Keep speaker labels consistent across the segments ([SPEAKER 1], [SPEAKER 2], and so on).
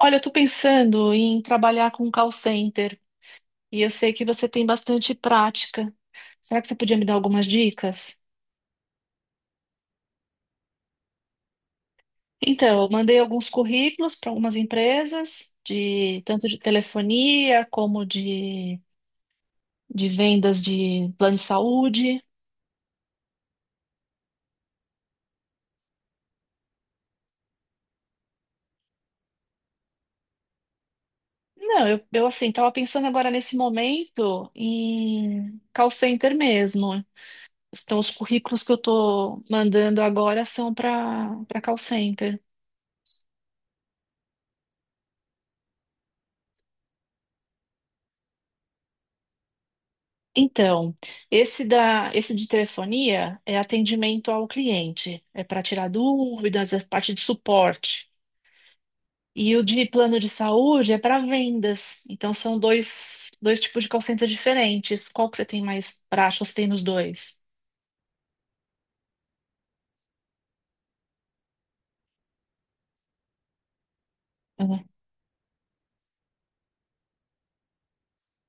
[SPEAKER 1] Olha, eu tô pensando em trabalhar com call center e eu sei que você tem bastante prática. Será que você podia me dar algumas dicas? Então, eu mandei alguns currículos para algumas empresas, de tanto de telefonia como de vendas de plano de saúde. Não, eu assim, estava pensando agora nesse momento em call center mesmo. Então, os currículos que eu estou mandando agora são para call center. Então, esse de telefonia é atendimento ao cliente, é para tirar dúvidas, é parte de suporte. E o de plano de saúde é para vendas. Então, são dois tipos de call center diferentes. Qual que você tem mais prática? Você tem nos dois? Uhum.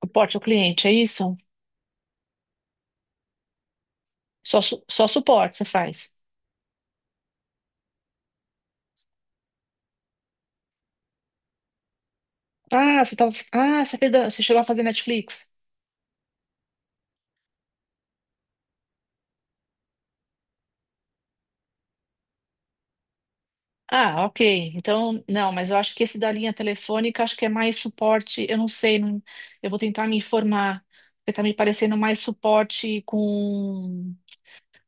[SPEAKER 1] Suporte ao cliente, é isso? Só suporte você faz. Ah, você tava, ah, você, fez, da- Você chegou a fazer Netflix? Ah, ok. Então, não, mas eu acho que esse da linha telefônica, acho que é mais suporte. Eu não sei, eu vou tentar me informar. Porque tá me parecendo mais suporte com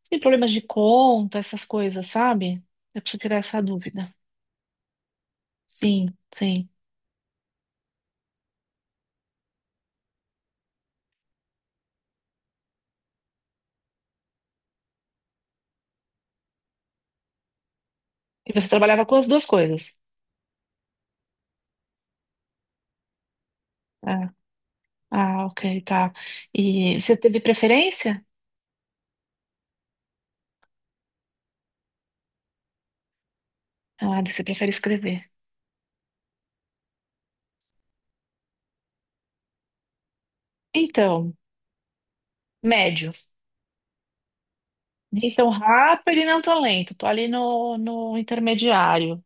[SPEAKER 1] tem problemas de conta, essas coisas, sabe? Eu preciso tirar essa dúvida. Sim, sim. E você trabalhava com as duas coisas? Ah, ah, ok, tá. E você teve preferência? Ah, você prefere escrever. Então, médio. Nem tão rápido e não tão lento. Tô ali no intermediário.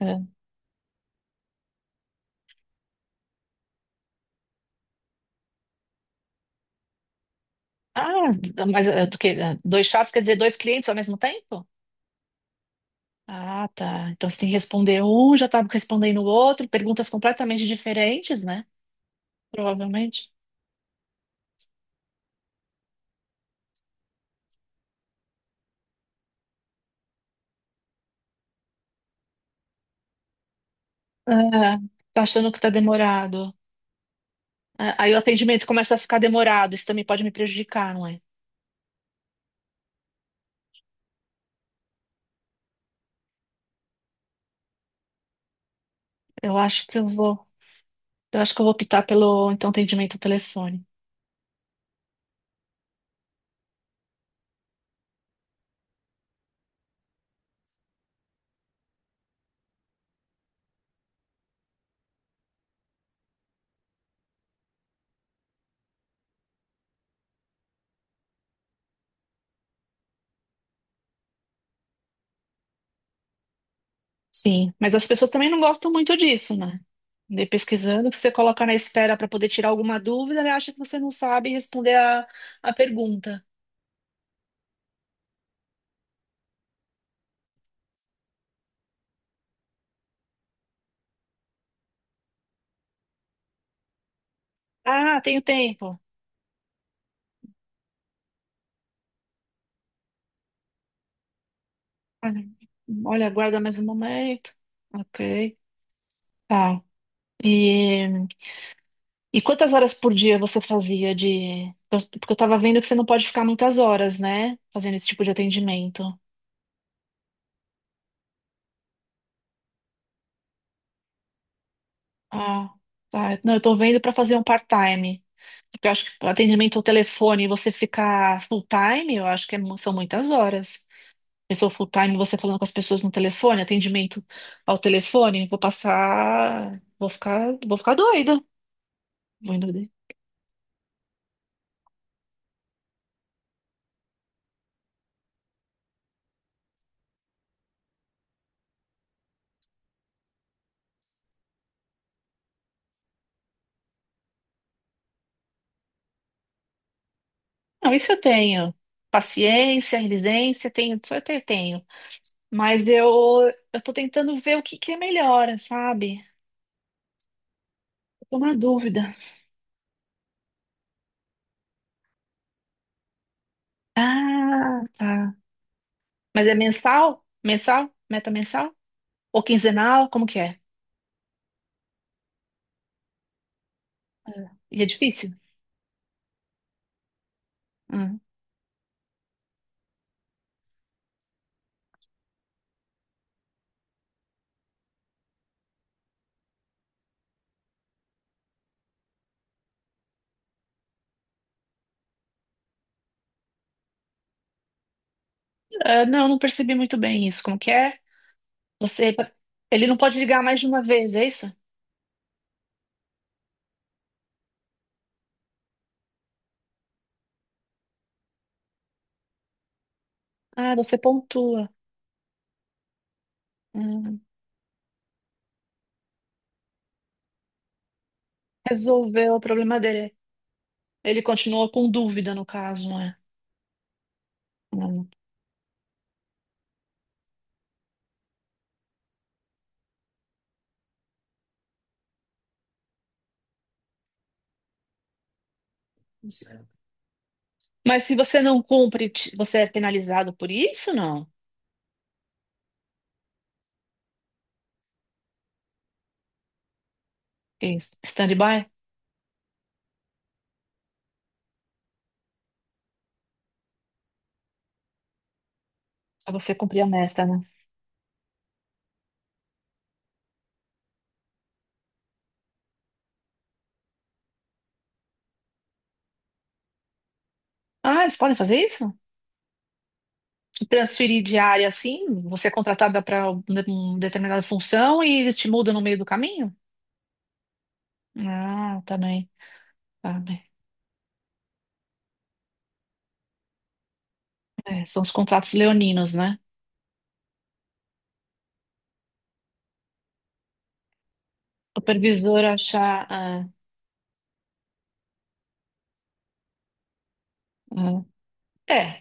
[SPEAKER 1] É. Ah, mas eh, tu que- Dois chats quer dizer dois clientes ao mesmo tempo? Ah, tá. Então você tem que responder um, já tá respondendo o outro, perguntas completamente diferentes, né? Provavelmente. Ah, tá achando que tá demorado. Ah, aí o atendimento começa a ficar demorado, isso também pode me prejudicar, não é? Eu acho que eu vou, eu acho que eu vou optar pelo então atendimento ao telefone. Sim, mas as pessoas também não gostam muito disso, né? Andei pesquisando que você coloca na espera para poder tirar alguma dúvida, ele acha que você não sabe responder a pergunta. Ah, tenho tempo. Ah, olha, aguarda mais um momento. Ok. Tá. E, e quantas horas por dia você fazia de. Porque eu tava vendo que você não pode ficar muitas horas, né? Fazendo esse tipo de atendimento. Ah, tá. Não, eu tô vendo pra fazer um part-time. Porque eu acho que atendimento ao telefone, você ficar full-time, eu acho que é são muitas horas. Pessoa full-time, você falando com as pessoas no telefone, atendimento ao telefone, vou passar. Vou ficar doida. Muito bem. Não, isso eu tenho. Paciência, resiliência, tenho, isso tenho. Mas eu, eu tô tentando ver o que que é melhor, sabe? Eu tô uma dúvida. Ah, tá. Mas é mensal? Mensal? Meta mensal? Ou quinzenal? Como que é? E é difícil? Hum. Ah, não, não percebi muito bem isso. Como que é? Você, ele não pode ligar mais de uma vez, é isso? Ah, você pontua. Hum. Resolveu o problema dele. Ele continuou com dúvida, no caso, não é? Hum. Mas se você não cumpre, você é penalizado por isso, não? Em stand-by? Só você cumprir a meta, né? Ah, eles podem fazer isso? Te transferir de área assim? Você é contratada para uma determinada função e eles te mudam no meio do caminho? Ah, também. Tá bem. É, são os contratos leoninos, né? Supervisor achar. É,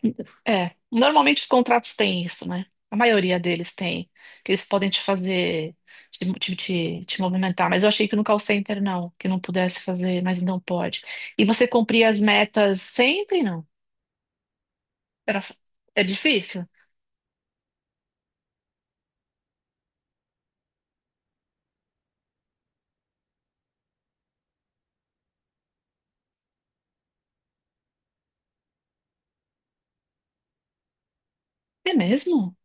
[SPEAKER 1] é. Normalmente os contratos têm isso, né? A maioria deles tem, que eles podem te fazer, te movimentar. Mas eu achei que no call center não, que não pudesse fazer, mas não pode. E você cumprir as metas sempre, não. Era, é difícil? É mesmo?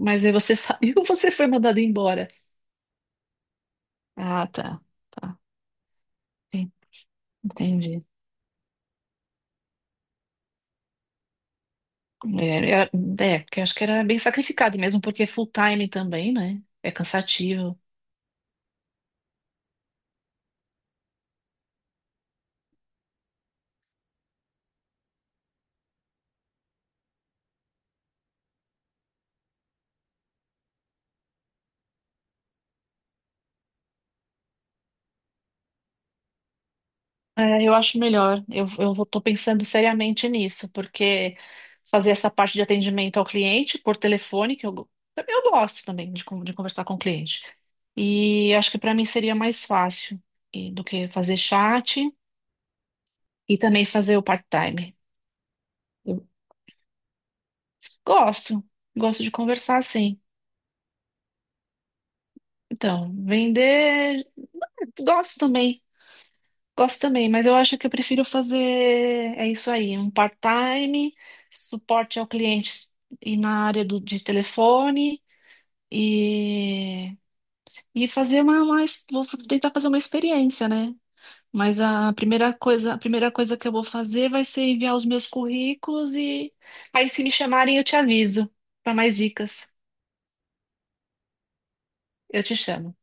[SPEAKER 1] Mas aí você sabe que você foi mandado embora. Ah, tá, tá. Sim, entendi. É, era- é, porque eu acho que era bem sacrificado mesmo, porque é full time também, né? É cansativo. É, eu acho melhor. Eu tô pensando seriamente nisso, porque fazer essa parte de atendimento ao cliente por telefone, que eu gosto também de conversar com o cliente. E acho que para mim seria mais fácil do que fazer chat e também fazer o part-time. Eu gosto, gosto de conversar sim. Então, vender, gosto também. Gosto também, mas eu acho que eu prefiro fazer, é isso aí, um part-time, suporte ao cliente e na área de telefone e, e fazer vou tentar fazer uma experiência, né? Mas a primeira coisa que eu vou fazer vai ser enviar os meus currículos e aí se me chamarem eu te aviso para mais dicas. Eu te chamo.